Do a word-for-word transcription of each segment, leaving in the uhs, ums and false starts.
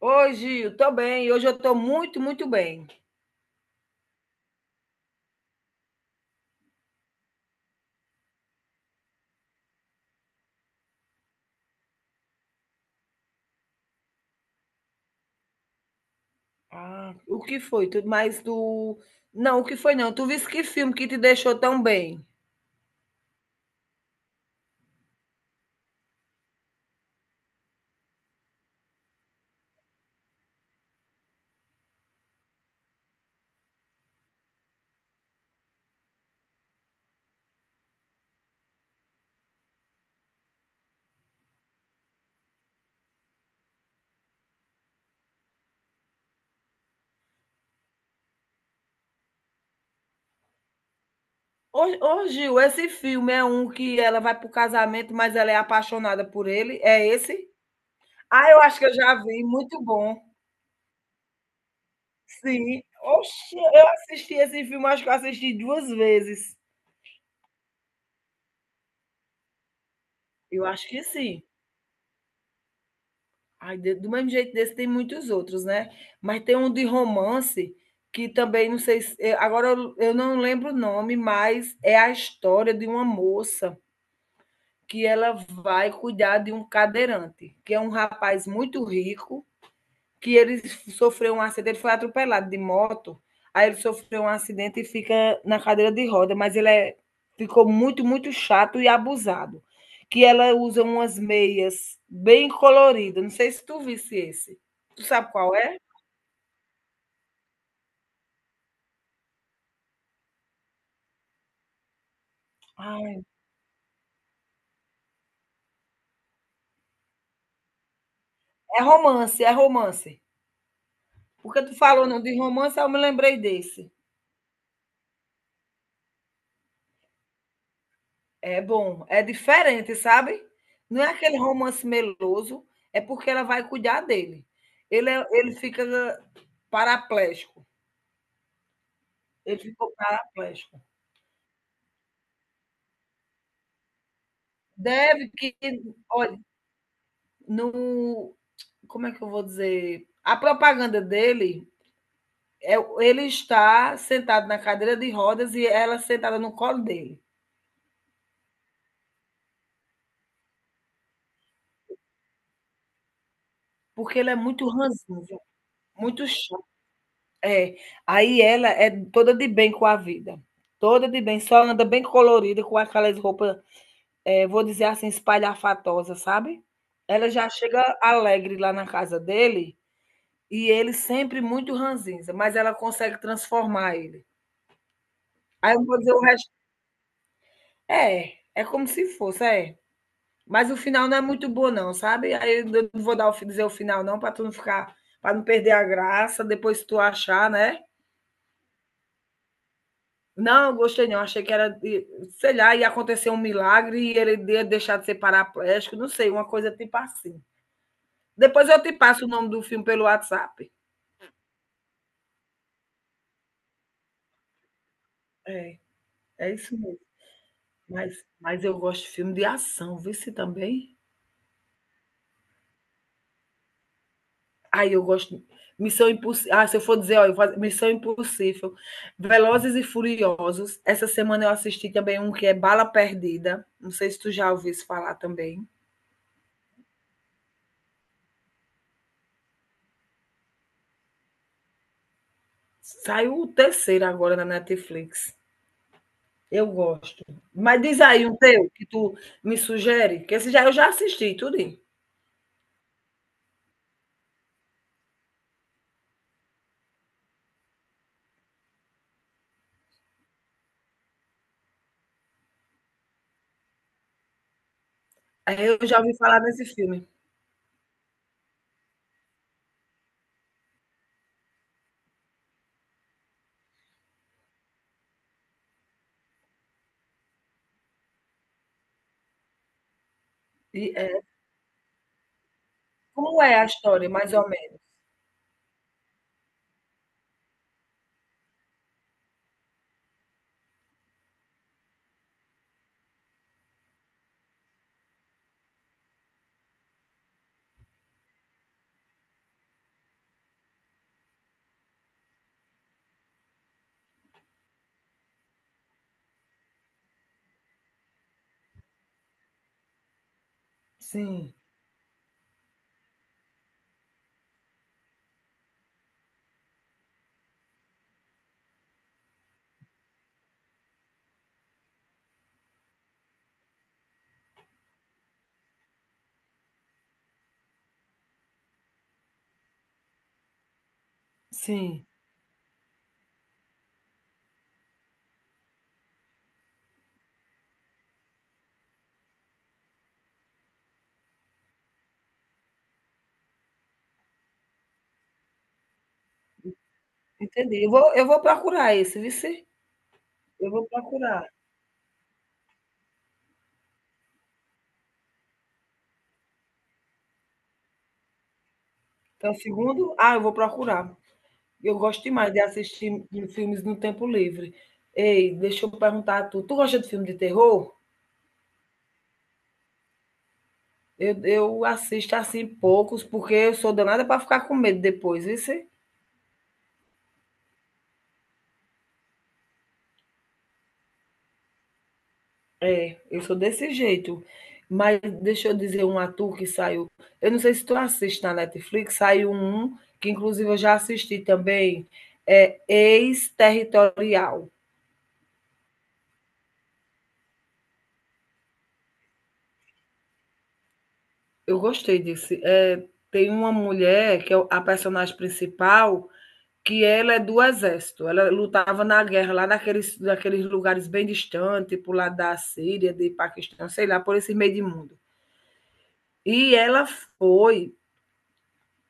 Oi, Gil, tô bem. Hoje eu tô muito, muito bem. Ah, o que foi? Tu, mas tu. Não, o que foi não? Tu viste que filme que te deixou tão bem? Ô, ô, Gil, esse filme é um que ela vai pro casamento, mas ela é apaixonada por ele? É esse? Ah, eu acho que eu já vi. Muito bom. Sim. Oxe, eu assisti esse filme, acho que eu assisti duas vezes. Eu acho que sim. Ai, de do mesmo jeito desse tem muitos outros, né. Mas tem um de romance que também não sei se eh, agora eu eu não lembro o nome, mas é a história de uma moça que ela vai cuidar de um cadeirante, que é um rapaz muito rico, que ele sofreu um acidente, foi atropelado de moto, aí ele sofreu um acidente e fica na cadeira de roda, mas ele é, ficou muito, muito chato e abusado. Que ela usa umas meias bem coloridas. Não sei se tu visse esse. Tu sabe qual é? Ai, é romance, é romance. Porque tu falou não de romance, eu me lembrei desse. É bom, é diferente, sabe? Não é aquele romance meloso, é porque ela vai cuidar dele. Ele, é- ele fica paraplégico. Ele ficou paraplégico. Deve que, olha, no, como é que eu vou dizer? A propaganda dele é ele está sentado na cadeira de rodas e ela sentada no colo dele, porque ele é muito ranzinza, muito. É, aí ela é toda de bem com a vida, toda de bem, só anda bem colorida com aquelas roupas, eh, vou dizer assim, espalhafatosa, sabe? Ela já chega alegre lá na casa dele e ele sempre muito ranzinza, mas ela consegue transformar ele. Aí eu vou dizer o resto é, é como se fosse, é. Mas o final não é muito bom não, sabe? Aí eu não vou dar o fi- dizer o final não, para tu não ficar, para não perder a graça, depois tu achar, né? Não, gostei não. Achei que era, de- sei lá, ia acontecer um milagre e ele ia deixar de ser paraplégico, não sei, uma coisa tipo assim. Depois eu te passo o nome do filme pelo WhatsApp. É, é isso mesmo. Mas, mas eu gosto de filme de ação, vê se também. Aí eu gosto. Missão Impossível. Ah, se eu for dizer, ó, eu vou- Missão Impossível. Velozes e Furiosos. Essa semana eu assisti também um que é Bala Perdida. Não sei se tu já ouviu isso falar também. Saiu o terceiro agora na Netflix. Eu gosto. Mas diz aí um teu que tu me sugere, que esse já eu já assisti tudo. Aí eu já ouvi falar desse filme. E, eh, como é a história, mais ou menos? Sim, sim, entendi. Eu vou eu vou procurar esse, vice. Eu vou procurar. Então, segundo ah, eu vou procurar. Eu gosto demais de assistir filmes no tempo livre. Ei, deixa eu perguntar a tu, tu gosta de filme de terror? Eu eu assisto, assim, poucos, porque eu sou danada para ficar com medo depois, vice. É, eu sou desse jeito. Mas deixa eu dizer um ator que saiu. Eu não sei se tu assiste na Netflix, saiu um que inclusive eu já assisti também, é Ex-Territorial. Eu gostei desse. É, tem uma mulher que é a personagem principal, que ela é do exército. Ela lutava na guerra lá naqueles, naqueles lugares bem distantes, tipo lá da Síria, de Paquistão, sei lá, por esse meio de mundo. E ela foi.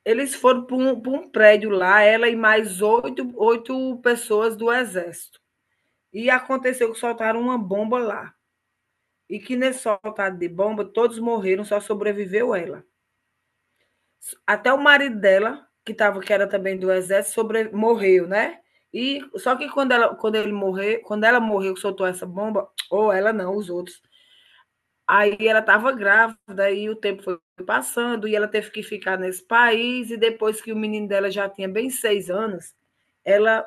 Eles foram para um, pra um prédio lá, ela e mais oito, oito pessoas do exército. E aconteceu que soltaram uma bomba lá. E que nesse soltado de bomba, todos morreram, só sobreviveu ela. Até o marido dela, que tava, que era também do exército, sobre, morreu, né? E só que quando ela, quando ele morreu quando ela morreu, soltou essa bomba, ou ela não, os outros. Aí ela estava grávida e o tempo foi passando e ela teve que ficar nesse país e depois que o menino dela já tinha bem seis anos, ela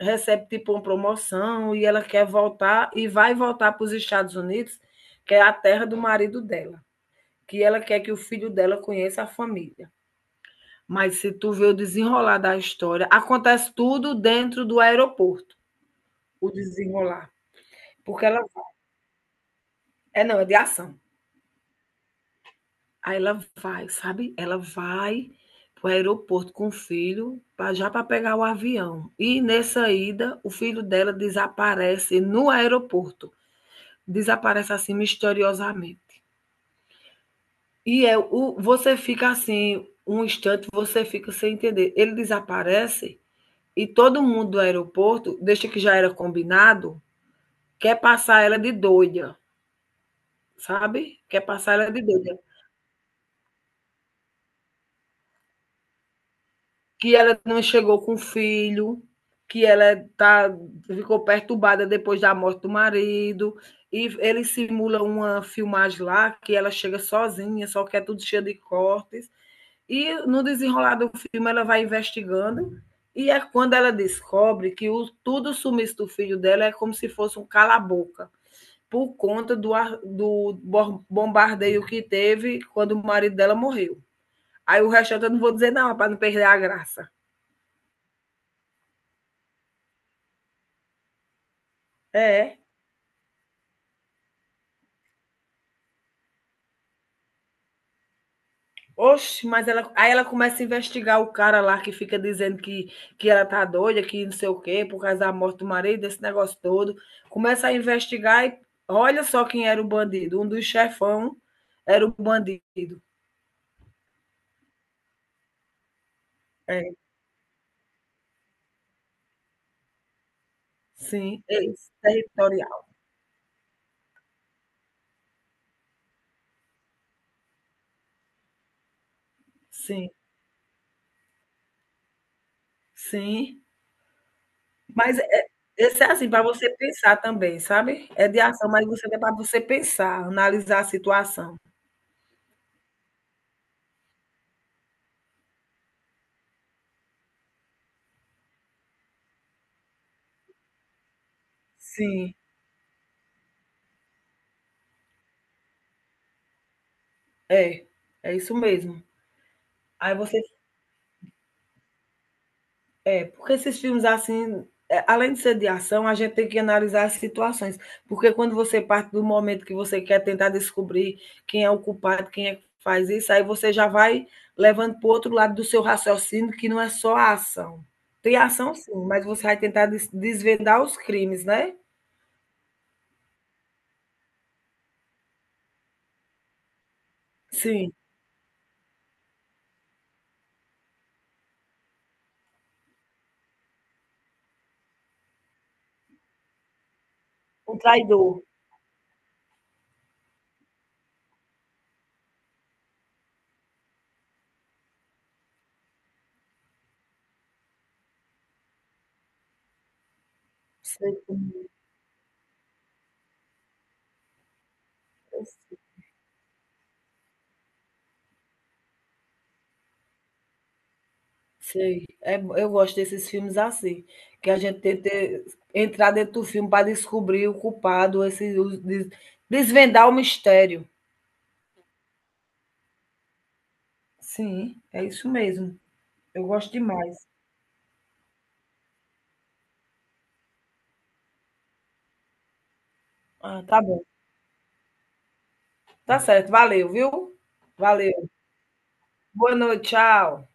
recebe tipo uma promoção e ela quer voltar e vai voltar para os Estados Unidos, que é a terra do marido dela, que ela quer que o filho dela conheça a família. Mas se tu vê o desenrolar da história, acontece tudo dentro do aeroporto, o desenrolar, porque ela é não, é de ação. Aí ela vai, sabe, ela vai para o aeroporto com o filho, pra já para pegar o avião. E nessa ida, o filho dela desaparece no aeroporto, desaparece assim misteriosamente. E é o você fica assim, um instante você fica sem entender. Ele desaparece e todo mundo do aeroporto, desde que já era combinado, quer passar ela de doida, sabe, quer passar ela de doida. Que ela não chegou com o filho, que ela tá, ficou perturbada depois da morte do marido, e ele simula uma filmagem lá que ela chega sozinha, só que é tudo cheio de cortes. E no desenrolar do filme ela vai investigando, e é quando ela descobre que o, tudo o sumiço do filho dela é como se fosse um cala-boca, por conta do, do bombardeio que teve quando o marido dela morreu. Aí o resto eu não vou dizer não, para não perder a graça. É, Oxe, mas ela, aí ela começa a investigar o cara lá que fica dizendo que, que ela tá doida, que não sei o quê, por causa da morte do marido, esse negócio todo. Começa a investigar e olha só quem era o bandido. Um dos chefão era o bandido. É, sim, ex-territorial. Sim, sim. Mas é, esse é assim, para você pensar também, sabe? É de ação, mas você é para você pensar, analisar a situação. Sim, é. É isso mesmo. Aí você. É, porque esses filmes assim, é, além de ser de ação, a gente tem que analisar as situações. Porque quando você parte do momento que você quer tentar descobrir quem é o culpado, quem é que faz isso, aí você já vai levando para o outro lado do seu raciocínio, que não é só a ação. Tem ação, sim, mas você vai tentar des- desvendar os crimes, né? Sim, o traidor. Sei. Sei, é bo eu gosto desses filmes assim, que a gente tenta entrar dentro do filme para descobrir o culpado, esse os des desvendar o mistério. Sim, é isso mesmo, eu gosto demais. Ah, tá bom, tá certo, valeu, viu. Valeu, boa noite, tchau.